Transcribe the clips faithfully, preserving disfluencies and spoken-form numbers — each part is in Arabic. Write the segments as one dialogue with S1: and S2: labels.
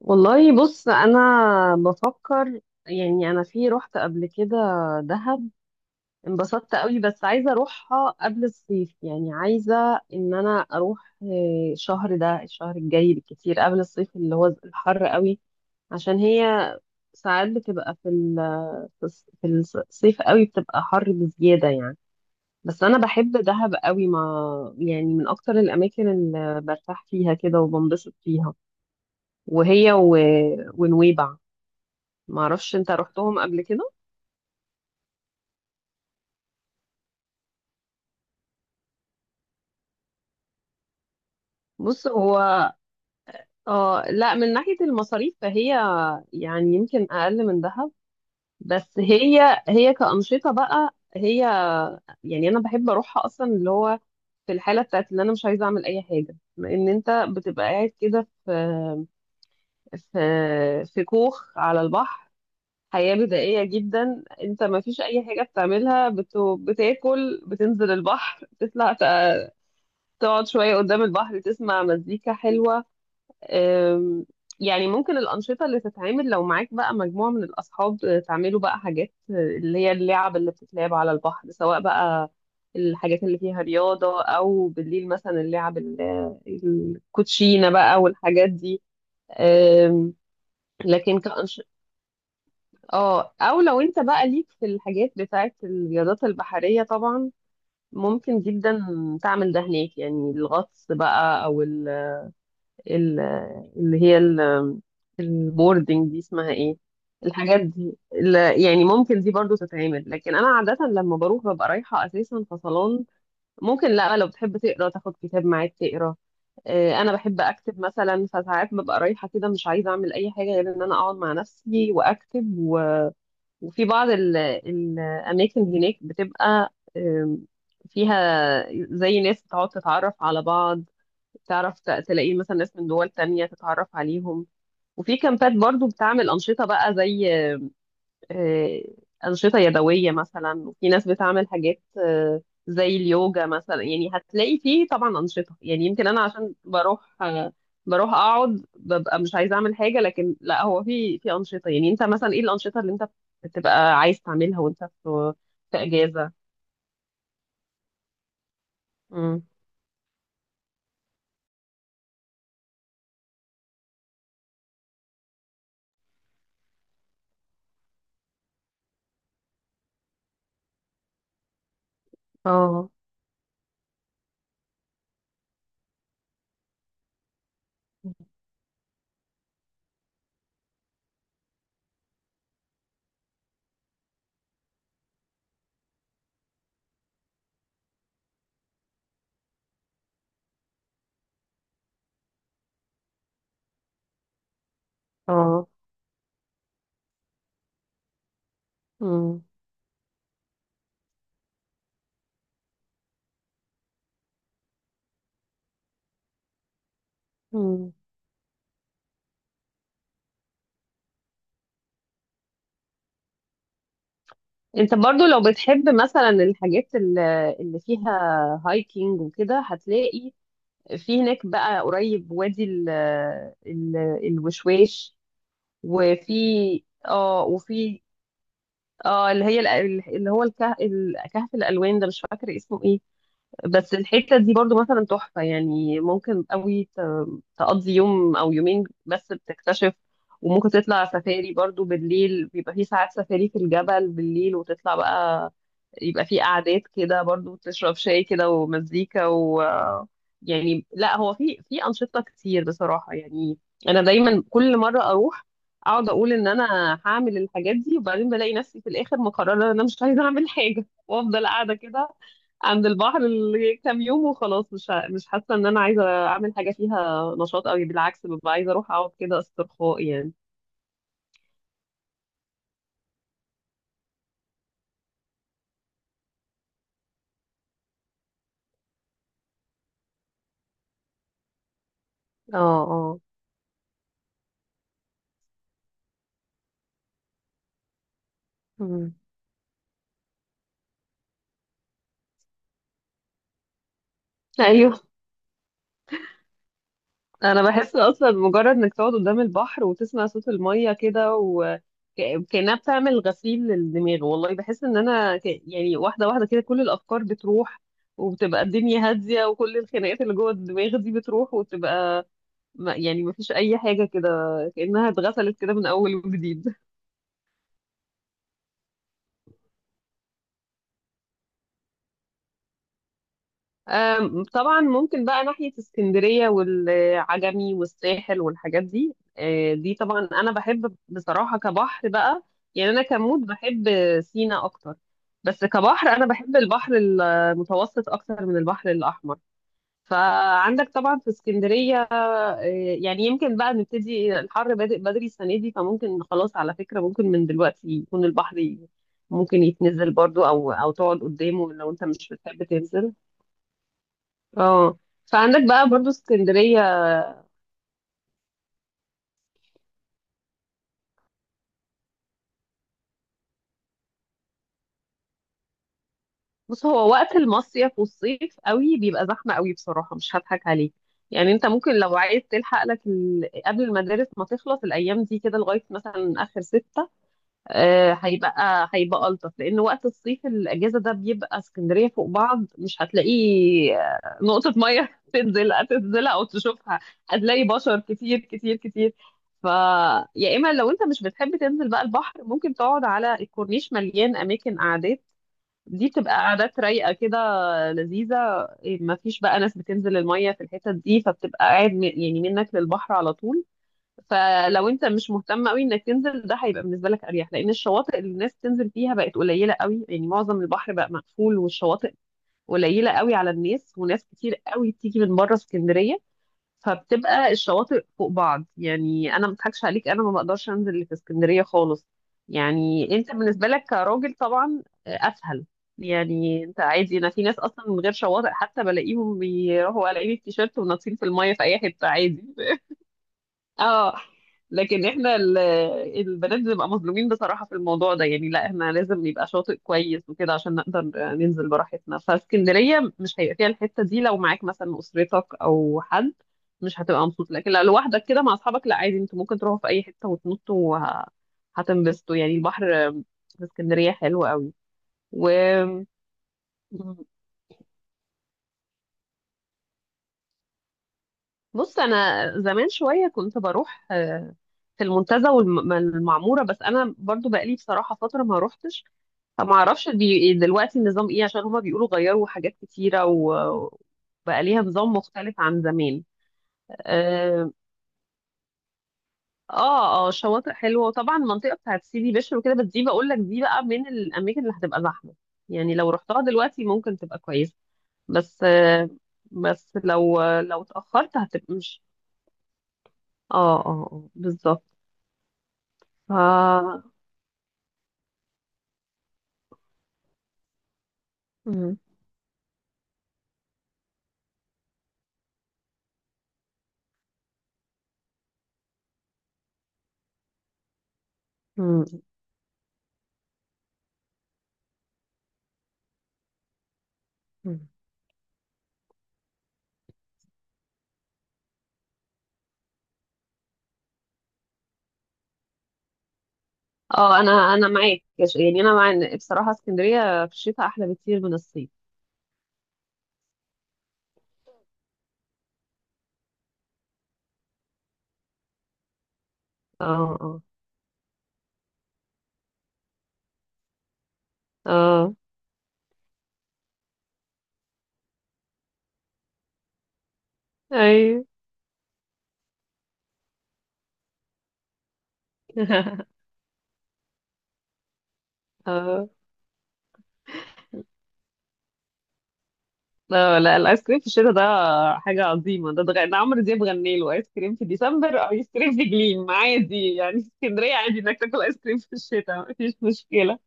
S1: والله بص انا بفكر. يعني انا في رحت قبل كده دهب، انبسطت قوي بس عايزه اروحها قبل الصيف. يعني عايزه ان انا اروح، آه، الشهر ده الشهر الجاي بالكتير قبل الصيف اللي هو الحر قوي. عشان هي ساعات بتبقى في ال في الص- في الصيف قوي بتبقى حر بزياده يعني. بس انا بحب دهب قوي، ما يعني من اكتر الاماكن اللي برتاح فيها كده وبنبسط فيها. وهي و... ونويبع، ما اعرفش انت رحتهم قبل كده. بص هو اه لا، من ناحية المصاريف فهي يعني يمكن اقل من دهب. بس هي هي كأنشطة بقى، هي يعني انا بحب اروحها اصلا، اللي هو في الحالة بتاعت اللي انا مش عايزة اعمل اي حاجة، لان انت بتبقى قاعد كده في في في كوخ على البحر. حياة بدائية جدا، انت ما فيش اي حاجة بتعملها. بت... بتاكل، بتنزل البحر، تطلع، ت- تقعد شوية قدام البحر، تسمع مزيكا حلوة. أم، يعني ممكن الأنشطة اللي تتعمل لو معاك بقى مجموعة من الأصحاب، آه، تعملوا بقى حاجات، آه، اللي هي اللعب اللي بتتلعب على البحر، سواء بقى الحاجات اللي فيها رياضة، أو بالليل مثلا اللعب ال- آه، الكوتشينة بقى والحاجات دي. أم، لكن كأنش... اه أو لو أنت بقى ليك في الحاجات بتاعت الرياضات البحرية طبعا، ممكن جدا تعمل ده هناك. يعني الغطس بقى، أو ال- اللي هي ال- البوردنج دي اسمها ايه، الحاجات دي، ال- يعني ممكن دي برضو تتعمل. لكن انا عادة لما بروح ببقى رايحة اساسا فصلان، ممكن، لا، لو بتحب تقرا تاخد كتاب معاك تقرا. آه، انا بحب اكتب مثلا، فساعات ببقى رايحة كده مش عايزة اعمل اي حاجة غير ان انا اقعد مع نفسي واكتب، و- وفي بعض ال- الاماكن هناك بتبقى آم، فيها زي ناس بتقعد تتعرف على بعض، تعرف ت- تلاقي مثلا ناس من دول تانية تتعرف عليهم. وفي كامبات برضو بتعمل أنشطة بقى زي، آه، أنشطة يدوية مثلا، وفي ناس بتعمل حاجات، آه، زي اليوجا مثلا. يعني هتلاقي فيه طبعا أنشطة، يعني يمكن أنا عشان بروح، آه، بروح أقعد ببقى مش عايزة أعمل حاجة. لكن لا، هو في في أنشطة، يعني أنت مثلا إيه الأنشطة اللي أنت بتبقى عايز تعملها وأنت في في إجازة؟ مم. اه، اه. مم. مم. انت برضو لو بتحب مثلا الحاجات ال- اللي فيها هايكينج وكده، هتلاقي في هناك بقى قريب وادي ال ال الوشواش. وفي اه وفي اه اللي هي ال- اللي هو الكه- الكهف الالوان ده مش فاكره اسمه ايه. بس الحتة دي برضو مثلا تحفة. يعني ممكن قوي ت- تقضي يوم أو يومين بس بتكتشف. وممكن تطلع سفاري برضو بالليل، بيبقى في ساعات سفاري في الجبل بالليل وتطلع بقى، يبقى في قعدات كده برضو، تشرب شاي كده ومزيكا و يعني. لا، هو في في أنشطة كتير بصراحة يعني. أنا دايما كل مرة أروح، أقعد أقول إن أنا هعمل الحاجات دي، وبعدين بلاقي نفسي في الآخر مقررة إن أنا مش عايزة أعمل حاجة، وأفضل قاعدة كده عند البحر ال- كام يوم وخلاص. مش ه- مش حاسه ان انا عايزه اعمل حاجه فيها نشاط قوي، بالعكس ببقى عايزه اروح اقعد كده استرخاء يعني. اه، اه. مم. ايوه، انا بحس اصلا مجرد انك تقعد قدام البحر وتسمع صوت الميه كده، وكأنها بتعمل غسيل للدماغ. والله بحس ان انا ك... يعني واحده واحده كده كل الافكار بتروح، وبتبقى الدنيا هاديه، وكل الخناقات اللي جوه الدماغ دي بتروح وتبقى، ما- يعني مفيش اي حاجه كده، كأنها اتغسلت كده من اول وجديد. أم، طبعا ممكن بقى ناحية اسكندرية والعجمي والساحل والحاجات دي. أه، دي طبعا أنا بحب بصراحة كبحر بقى. يعني أنا كمود بحب سينا أكتر، بس كبحر أنا بحب البحر المتوسط أكتر من البحر الأحمر. فعندك طبعا في اسكندرية. أه، يعني يمكن بقى نبتدي الحر بادئ بدري السنة دي، فممكن خلاص، على فكرة ممكن من دلوقتي يكون البحر، ي- ممكن يتنزل برضو، أو أو تقعد قدامه لو أنت مش بتحب تنزل. اه، فعندك بقى برضو اسكندرية. بص، هو وقت المصيف والصيف قوي بيبقى زحمة قوي بصراحة، مش هضحك عليك. يعني انت ممكن لو عايز تلحق لك ال... قبل المدارس ما تخلص، الايام دي كده لغاية مثلا اخر ستة، آه، هيبقى هيبقى ألطف. لأن وقت الصيف الأجازة ده بيبقى اسكندرية فوق بعض، مش هتلاقي آه، نقطة مية تنزل تنزلها أو تشوفها. هتلاقي بشر كتير كتير كتير. ف يا إما لو أنت مش بتحب تنزل بقى البحر، ممكن تقعد على الكورنيش، مليان أماكن قعدات. دي بتبقى قعدات رايقة كده، لذيذة، ما فيش بقى ناس بتنزل المية في الحتت دي، فبتبقى قاعد، م- يعني منك للبحر على طول. فلو انت مش مهتم قوي انك تنزل، ده هيبقى بالنسبه لك اريح، لان الشواطئ اللي الناس تنزل فيها بقت قليله قوي. يعني معظم البحر بقى مقفول، والشواطئ قليله قوي على الناس، وناس كتير قوي بتيجي من بره اسكندريه، فبتبقى الشواطئ فوق بعض. يعني انا ما اضحكش عليك، انا ما بقدرش انزل اللي في اسكندريه خالص. يعني انت بالنسبه لك كراجل طبعا آه، اسهل. يعني انت عادي، انا في ناس اصلا من غير شواطئ حتى بلاقيهم بيروحوا قلعين التيشيرت وناطين في الميه في اي حته عادي. اه. لكن احنا ال- البنات بنبقى مظلومين بصراحة في الموضوع ده. يعني لا، احنا لازم نبقى شاطئ كويس وكده عشان نقدر ننزل براحتنا، فاسكندرية مش هيبقى فيها الحتة دي. لو معاك مثلا أسرتك أو حد مش هتبقى مبسوط، لكن لو لوحدك كده مع أصحابك، لا عادي، انتوا ممكن تروحوا في أي حتة وتنطوا، وه- هتنبسطوا. يعني البحر في اسكندرية حلو قوي. و بص، أنا زمان شوية كنت بروح، آه، في المنتزه والمعموره، بس انا برضو بقالي بصراحه فتره ما روحتش. ما اعرفش دي دلوقتي النظام ايه، عشان هما بيقولوا غيروا حاجات كتيره، و- وبقى ليها نظام مختلف عن زمان. اه، اه، آه، شواطئ حلوه، وطبعا المنطقه بتاعت سيدي بشر وكده، بس دي بقول لك دي بقى من الاماكن اللي هتبقى زحمه. يعني لو رحتها دلوقتي ممكن تبقى كويسه، بس آه بس لو لو اتاخرت هتبقى مش. اه، اه، آه، بالظبط. ف مم، مم، مم. اه، انا انا معاك. يعني انا مع إن بصراحه اسكندريه في الشتاء احلى بكتير من الصيف. اه، اه، اه. ايوه. اه، لا، لا، الايس كريم في الشتاء ده حاجه عظيمه. ده ده, ده عمرو دياب غني له ايس كريم في ديسمبر، او ايس كريم في جليم، عادي. يعني في اسكندريه عادي انك تاكل ايس كريم في الشتاء، مفيش مشكله.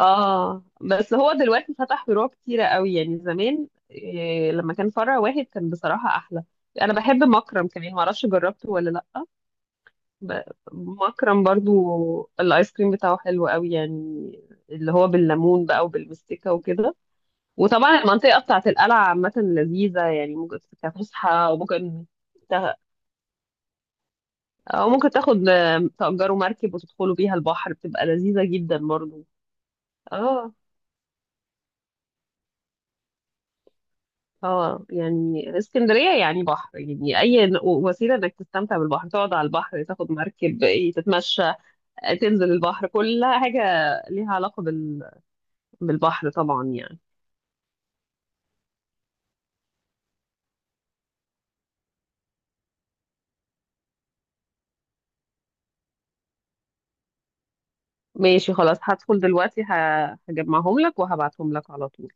S1: اه، بس هو دلوقتي فتح فروع كتيره قوي. يعني زمان إيه لما كان فرع واحد كان بصراحه احلى. انا بحب مكرم كمان، معرفش جربته ولا لا. ب- مكرم برضو الايس كريم بتاعه حلو قوي يعني، اللي هو بالليمون بقى وبالمستكة وكده. وطبعا المنطقة بتاعت القلعة عامة لذيذة، يعني ممكن كفسحة، وممكن تا- او ممكن تاخد، تأجروا مركب وتدخلوا بيها البحر، بتبقى لذيذة جدا برضو. اه، اه. يعني اسكندرية يعني بحر، يعني اي ن- وسيلة انك تستمتع بالبحر، تقعد على البحر، تاخد مركب، إيه، تتمشى، تنزل البحر، كل حاجة ليها علاقة بال... بالبحر طبعا يعني. ماشي، خلاص، هدخل دلوقتي ه- هجمعهم لك وهبعتهم لك على طول.